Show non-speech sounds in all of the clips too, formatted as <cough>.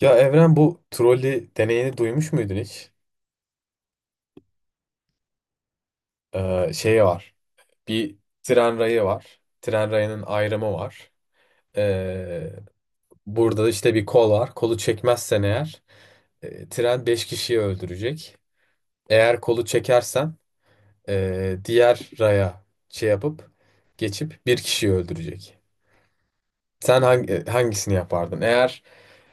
Ya Evren bu trolley deneyini duymuş muydun hiç? Şey var. Bir tren rayı var. Tren rayının ayrımı var. Ee, burada işte bir kol var. Kolu çekmezsen eğer tren 5 kişiyi öldürecek. Eğer kolu çekersen diğer raya şey yapıp geçip bir kişiyi öldürecek. Sen hangisini yapardın? Eğer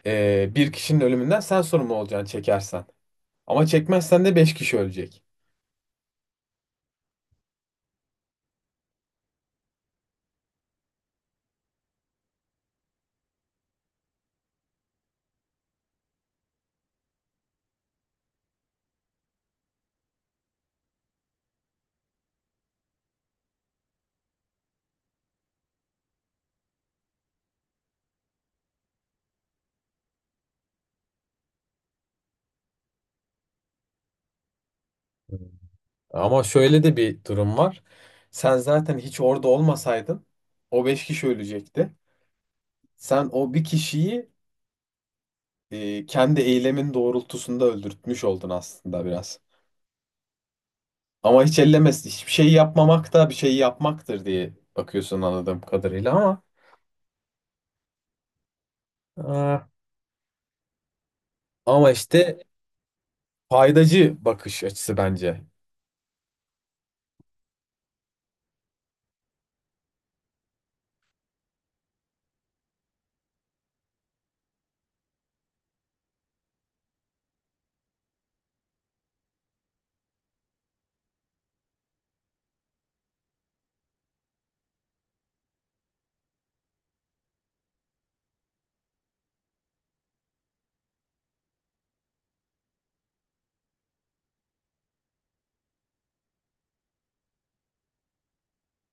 bir kişinin ölümünden sen sorumlu olacaksın çekersen. Ama çekmezsen de 5 kişi ölecek. Ama şöyle de bir durum var. Sen zaten hiç orada olmasaydın o beş kişi ölecekti. Sen o bir kişiyi kendi eylemin doğrultusunda öldürtmüş oldun aslında biraz. Ama hiç ellemez. Hiçbir şey yapmamak da bir şey yapmaktır diye bakıyorsun anladığım kadarıyla ama. e, Ama işte faydacı bakış açısı bence.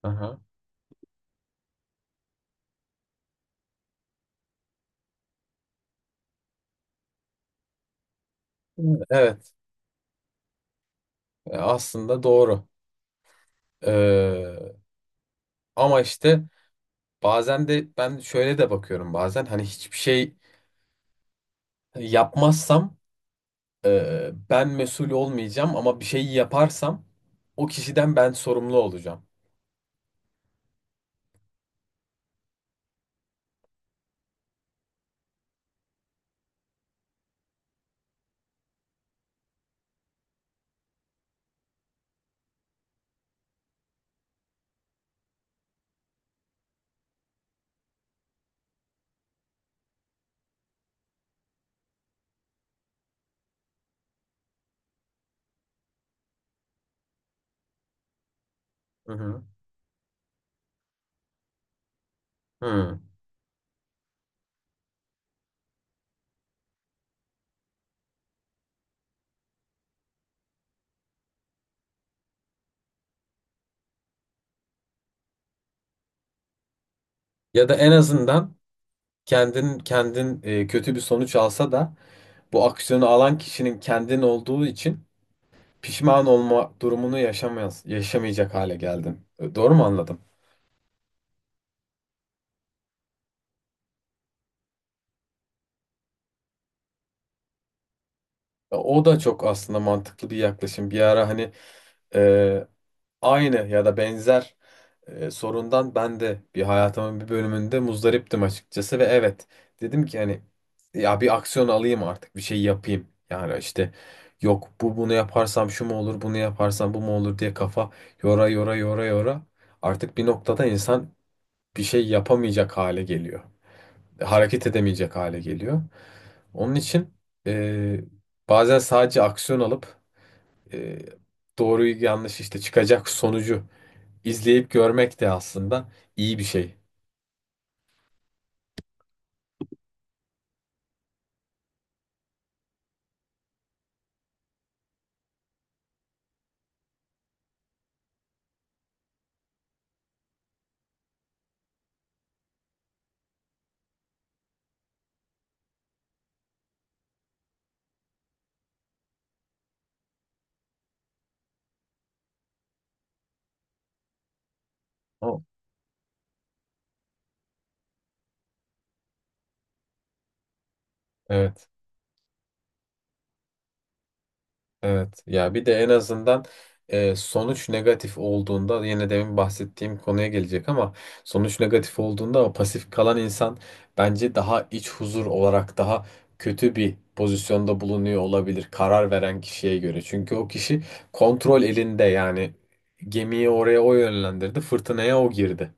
Aha. Evet, aslında doğru. Ee, ama işte bazen de ben şöyle de bakıyorum, bazen hani hiçbir şey yapmazsam ben mesul olmayacağım ama bir şeyi yaparsam o kişiden ben sorumlu olacağım. Hı hı. Hı. Ya da en azından kendin kötü bir sonuç alsa da bu aksiyonu alan kişinin kendin olduğu için pişman olma durumunu yaşamayız, yaşamayacak hale geldim. Doğru mu anladım? O da çok aslında mantıklı bir yaklaşım. Bir ara hani e, aynı ya da benzer sorundan ben de bir hayatımın bir bölümünde muzdariptim açıkçası ve evet, dedim ki hani ya bir aksiyon alayım, artık bir şey yapayım. Yani işte yok bu bunu yaparsam şu mu olur, bunu yaparsam bu mu olur diye kafa yora yora yora yora artık bir noktada insan bir şey yapamayacak hale geliyor. Hareket edemeyecek hale geliyor. Onun için e, bazen sadece aksiyon alıp e, doğruyu yanlış işte çıkacak sonucu izleyip görmek de aslında iyi bir şey. O- Evet. Evet ya, bir de en azından sonuç negatif olduğunda yine demin bahsettiğim konuya gelecek ama sonuç negatif olduğunda o pasif kalan insan bence daha iç huzur olarak daha kötü bir pozisyonda bulunuyor olabilir karar veren kişiye göre. Çünkü o kişi kontrol elinde, yani gemiyi oraya o yönlendirdi, fırtınaya o girdi,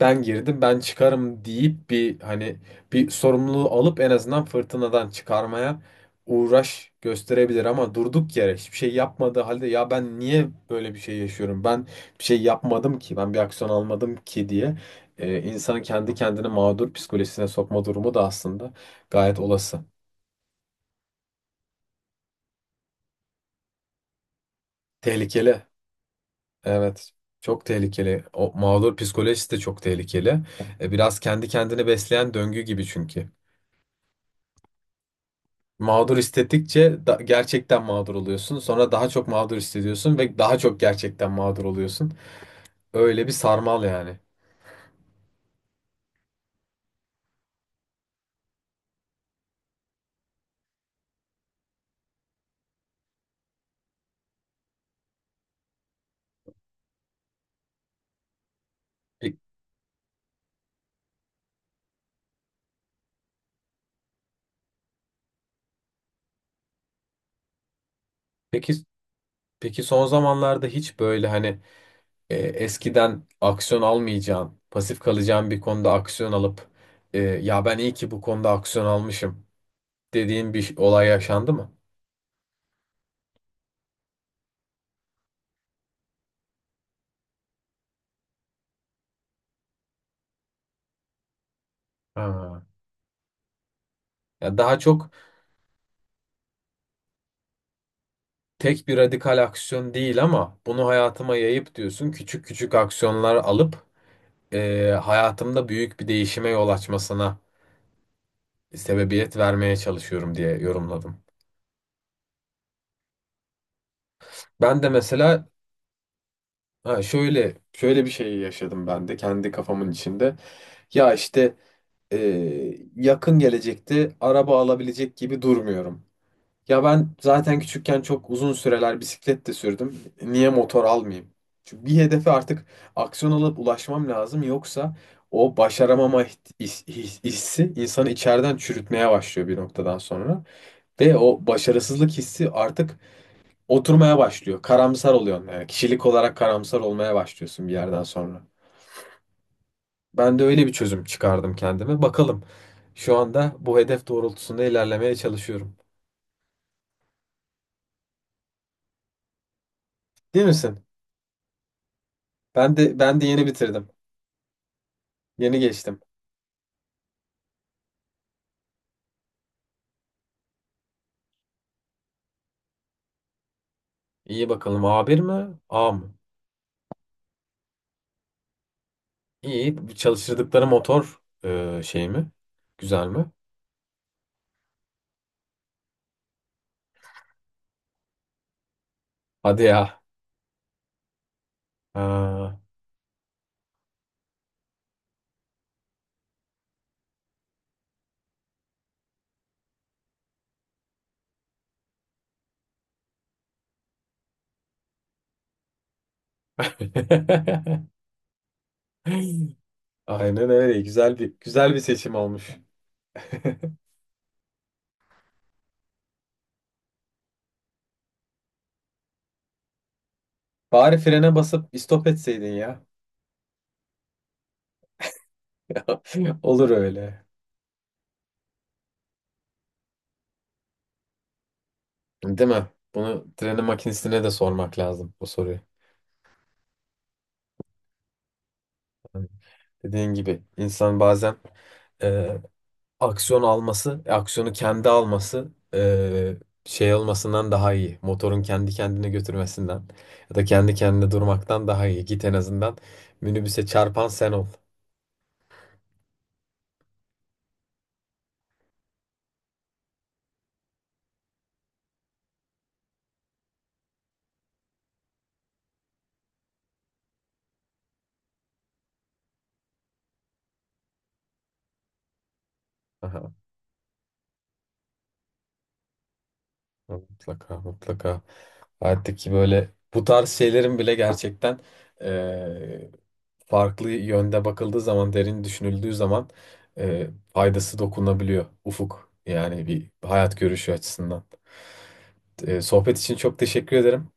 ben girdim ben çıkarım deyip bir hani bir sorumluluğu alıp en azından fırtınadan çıkarmaya uğraş gösterebilir, ama durduk yere hiçbir şey yapmadığı halde ya ben niye böyle bir şey yaşıyorum, ben bir şey yapmadım ki, ben bir aksiyon almadım ki diye insanı kendi kendini mağdur psikolojisine sokma durumu da aslında gayet olası. Tehlikeli. Evet. Çok tehlikeli. O mağdur psikolojisi de çok tehlikeli. Biraz kendi kendini besleyen döngü gibi çünkü. Mağdur hissettikçe gerçekten mağdur oluyorsun. Sonra daha çok mağdur hissediyorsun ve daha çok gerçekten mağdur oluyorsun. Öyle bir sarmal yani. Pe- Peki peki, son zamanlarda hiç böyle hani eskiden aksiyon almayacağın, pasif kalacağın bir konuda aksiyon alıp ya ben iyi ki bu konuda aksiyon almışım dediğin bir olay yaşandı mı? Ha. Ya daha çok tek bir radikal aksiyon değil ama bunu hayatıma yayıp diyorsun, küçük küçük aksiyonlar alıp hayatımda büyük bir değişime yol açmasına sebebiyet vermeye çalışıyorum diye yorumladım. Ben de mesela ha, şöyle şöyle bir şey yaşadım ben de kendi kafamın içinde. Ya işte e, yakın gelecekte araba alabilecek gibi durmuyorum. Ya ben zaten küçükken çok uzun süreler bisiklet de sürdüm. Niye motor almayayım? Çünkü bir hedefe artık aksiyon alıp ulaşmam lazım. Yoksa o başaramama hissi insanı içeriden çürütmeye başlıyor bir noktadan sonra. Ve o başarısızlık hissi artık oturmaya başlıyor. Karamsar oluyorsun. Yani kişilik olarak karamsar olmaya başlıyorsun bir yerden sonra. Ben de öyle bir çözüm çıkardım kendime. Bakalım. Şu anda bu hedef doğrultusunda ilerlemeye çalışıyorum. Değil misin? Ben de yeni bitirdim. Yeni geçtim. İyi, bakalım A1 mi? A mı? İyi. Çalıştırdıkları motor şey mi? Güzel mi? Hadi ya. Ha. <laughs> Aynen öyle. Güzel bir seçim olmuş. <laughs> Bari frene basıp istop etseydin ya. <laughs> Olur öyle. Değil mi? Bunu trenin makinesine de sormak lazım bu soruyu. Hani, dediğin gibi insan bazen e, aksiyon alması, aksiyonu kendi alması şey olmasından daha iyi. Motorun kendi kendine götürmesinden ya da kendi kendine durmaktan daha iyi. Git en azından minibüse çarpan sen ol. Aha. Mutlaka mutlaka. Artık ki böyle bu tarz şeylerin bile gerçekten eee, farklı yönde bakıldığı zaman, derin düşünüldüğü zaman faydası dokunabiliyor. Ufuk yani, bir hayat görüşü açısından. Sohbet için çok teşekkür ederim.